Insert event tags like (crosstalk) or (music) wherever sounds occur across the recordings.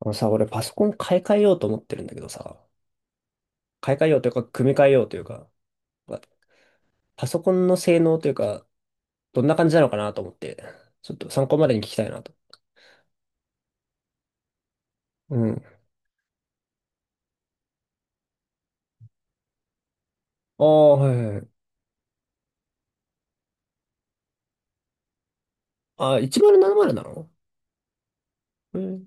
あのさ、俺パソコン買い替えようと思ってるんだけどさ、買い替えようというか、組み替えようというか、まあパソコンの性能というか、どんな感じなのかなと思って、ちょっと参考までに聞きたいなと。うん。ああ、はいはいはい。あ、1070ななまるなの？えー、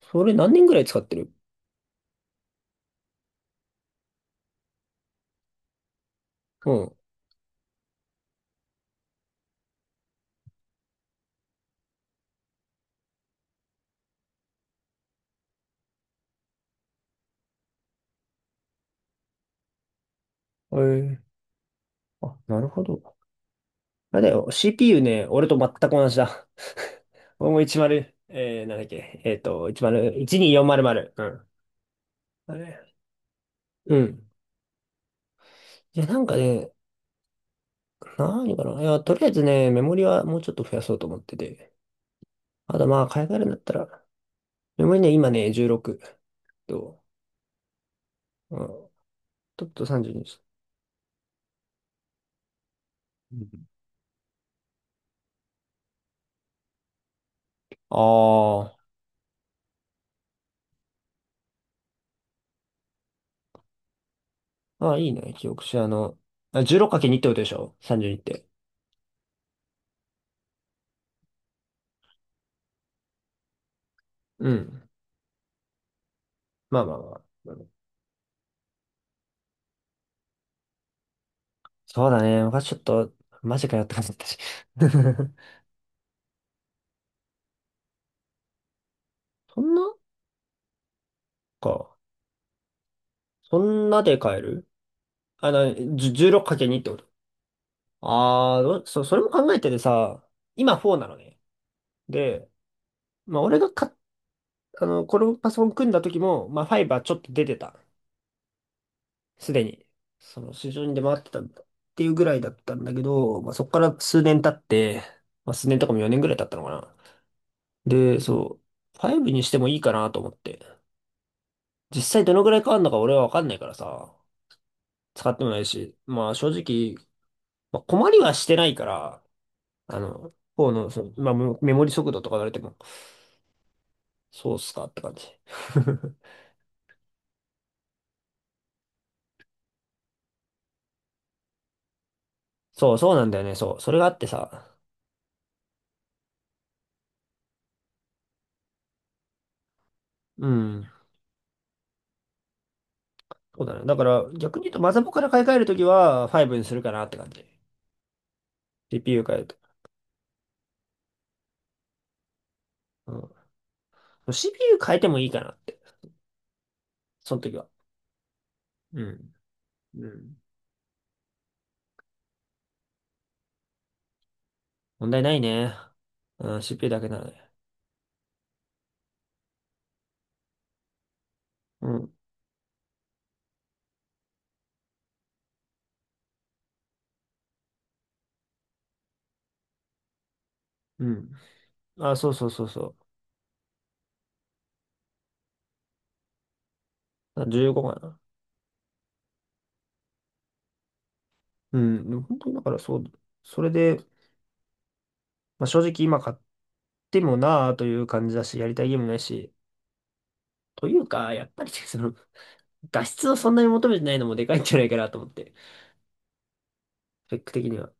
それ何年ぐらい使ってる？うん。えー、あ、なるほど。あれだよ、CPU ね、俺と全く同じだ。(laughs) 俺も10、なんだっけ、10、12400。うん。あれ？うん。いや、なんかね、何かな。いや、とりあえずね、メモリはもうちょっと増やそうと思ってて。あとまあ、買い替えるんだったら、メモリね、今ね、16と、うん、ちょっと32です。うん。ああ、あ、いいね、記憶し、あ 16×2 ってことでしょ？ 32 って。うん。まあまあまあ。うん。そうだね。昔ちょっと、マジかよって感じだったし。(laughs) そんなか。そんなで買える？16×2 ってこと？ああどうそ、それも考えててさ、今4なのね。で、まあ、俺がか、このパソコン組んだ時も、まあ、ファイバーちょっと出てた。すでに。市場に出回ってたんだっていうぐらいだったんだけど、まあ、そこから数年経って、まあ、数年とかも4年ぐらい経ったのかな。で、そう、ファイブにしてもいいかなと思って。実際どのぐらい変わるのか俺はわかんないからさ、使ってもないし、まあ、正直、まあ、困りはしてないから、方の、まあ、メモリ速度とか言われても、そうっすかって感じ。(laughs) そう、そうなんだよね、そう。それがあってさ、うん。そうだね。だから、逆に言うと、マザコンから買い替えるときは、5にするかなって感じ。CPU 変えると。うん。CPU 変えてもいいかなって。その時は。うん。うん。問題ないね。うん、CPU だけならね。うん。うん。あ、そうそうそうそう。あ15かな。うん。でも本当にだからそう。それで、まあ、正直今買ってもなあという感じだし、やりたいゲームないし。というか、やっぱり画質をそんなに求めてないのもでかいんじゃないかなと思って。スペック的には。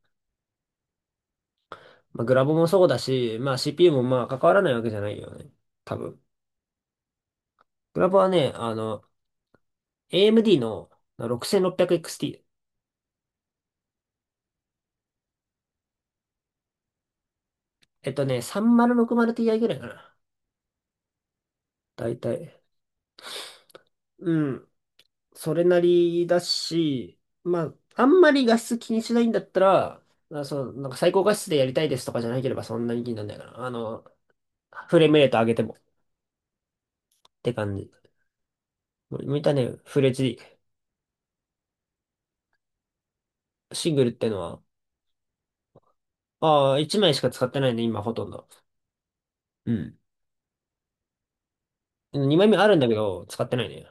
まあ、グラボもそうだし、まあ CPU もまあ関わらないわけじゃないよね。多分。グラボはね、AMD の 6600XT。3 0 6 0 t ぐらいかな。だいたい。うん。それなりだし、まあ、あんまり画質気にしないんだったら、まあ、そう、なんか最高画質でやりたいですとかじゃなければそんなに気にならないかな。フレームレート上げてもって感じ。見たね、フレッチ。シングルってのは、ああ、1枚しか使ってないね、今ほとんど。うん。2枚目あるんだけど、使ってないね。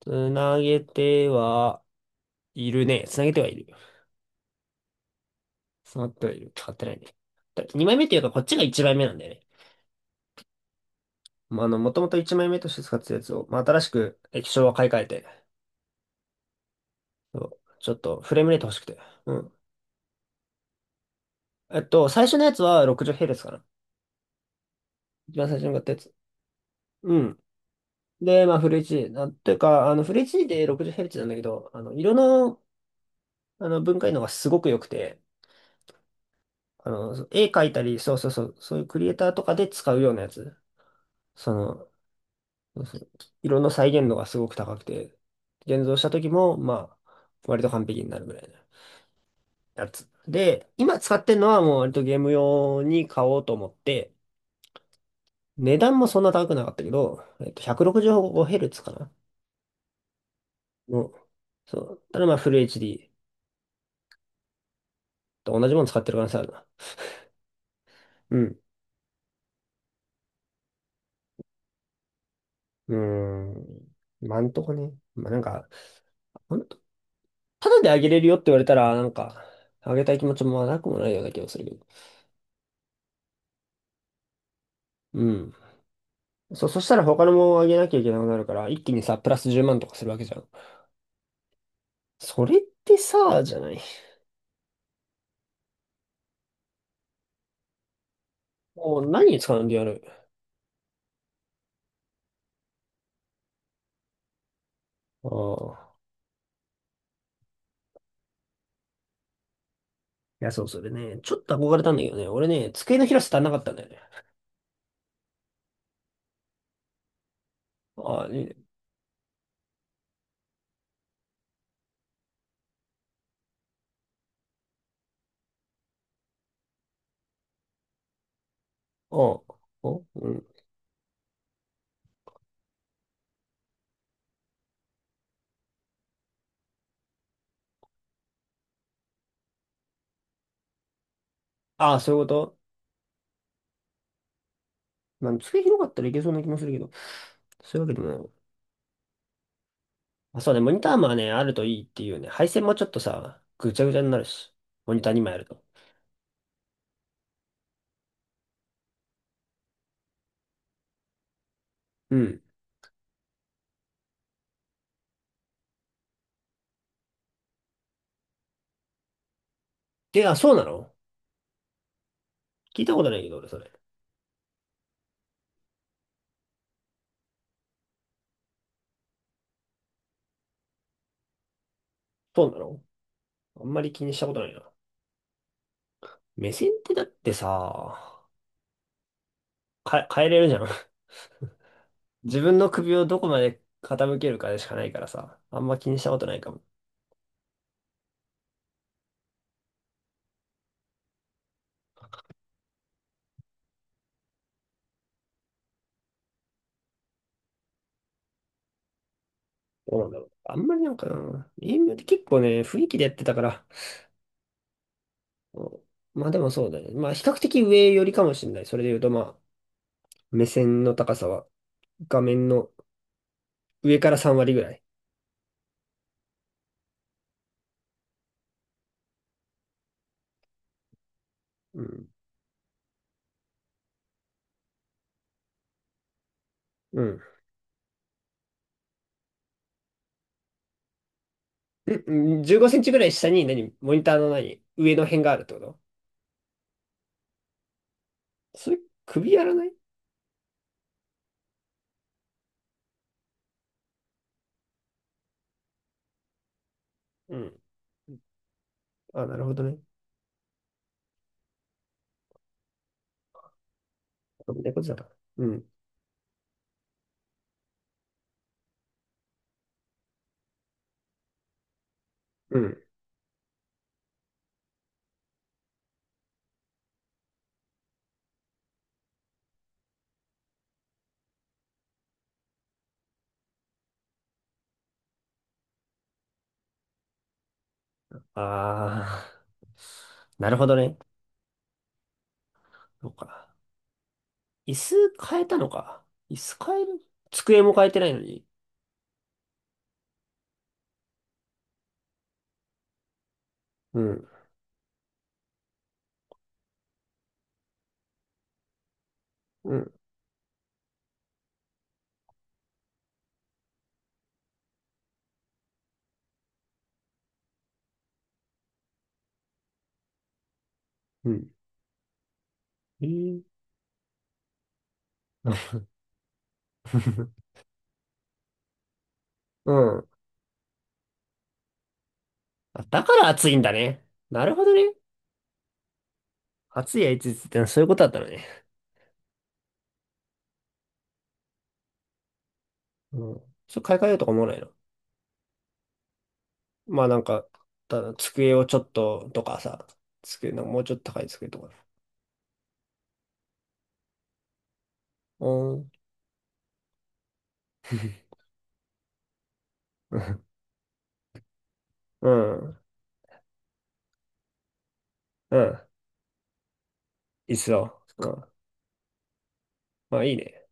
つなげてはいるね。つなげてはいる。つながってはいる。使ってないね。だ2枚目っていうか、こっちが1枚目なんだよね。まあ、もともと1枚目として使ってたやつを、まあ、新しく液晶は買い替えて、そうちょっとフレームレート欲しくて。うん。最初のやつは 60Hz かな。一番最初に買ったやつ。うん。で、まあ、フル HD。なんていうか、フル HD で 60Hz なんだけど、色の、分解能がすごく良くて、絵描いたり、そうそうそう、そういうクリエイターとかで使うようなやつ。その、そうそう色の再現度がすごく高くて、現像した時も、まあ、割と完璧になるぐらいのやつ。で、今使ってるのはもう割とゲーム用に買おうと思って、値段もそんな高くなかったけど、165Hz かなの、そう。ただまあ、フル HD と同じもの使ってる可能性あるな。うん。うーん。まあんとこね。まあ、なんか、ただであげれるよって言われたら、なんか、あげたい気持ちもなくもないような気がするけど。うん。そしたら他のもあげなきゃいけなくなるから、一気にさ、プラス10万とかするわけじゃん。それってさ、じゃない。もう何に使うんでやる。ああ。いや、そう、それね、ちょっと憧れたんだけどね、俺ね、机の広さ足んなかったんだよね。ああ、いいね。ああ、おうん。ああ、そういうこと。まあ、机広かったらいけそうな気もするけど、そういうわけでもない。あ、そうね、モニターもね、あるといいっていうね、配線もちょっとさ、ぐちゃぐちゃになるし、モニター2枚あると。うん。え、あ、そうなの？聞いたことないけど、俺、それ。そうなの？あんまり気にしたことないな。目線ってだってさ、変えれるじゃん。(laughs) 自分の首をどこまで傾けるかでしかないからさ、あんま気にしたことないかも。どうなんだろう。あんまりなんかな、エイムって結構ね、雰囲気でやってたから、うん。まあでもそうだね。まあ比較的上よりかもしれない。それで言うとまあ、目線の高さは画面の上から3割ぐらい。うん。うん。ん15センチぐらい下に何モニターの何上の辺があるってこと？それ、首やらない？うん。あ、なるほどね。そういうことだから。うん。うん。ああ。なるほどね。そうか。椅子変えたのか。椅子変える？机も変えてないのに。うん。うん。うん。えー (laughs) うん。あだから暑いんだね。なるほどね。暑いやいついつってのはそういうことだったのね。うん。それ買い替えようとか思わないの？まあなんか、ただ机をちょっととかさ、机のもうちょっと高い机とか。うん。うん。うん。いっそ。うん。まあいいね。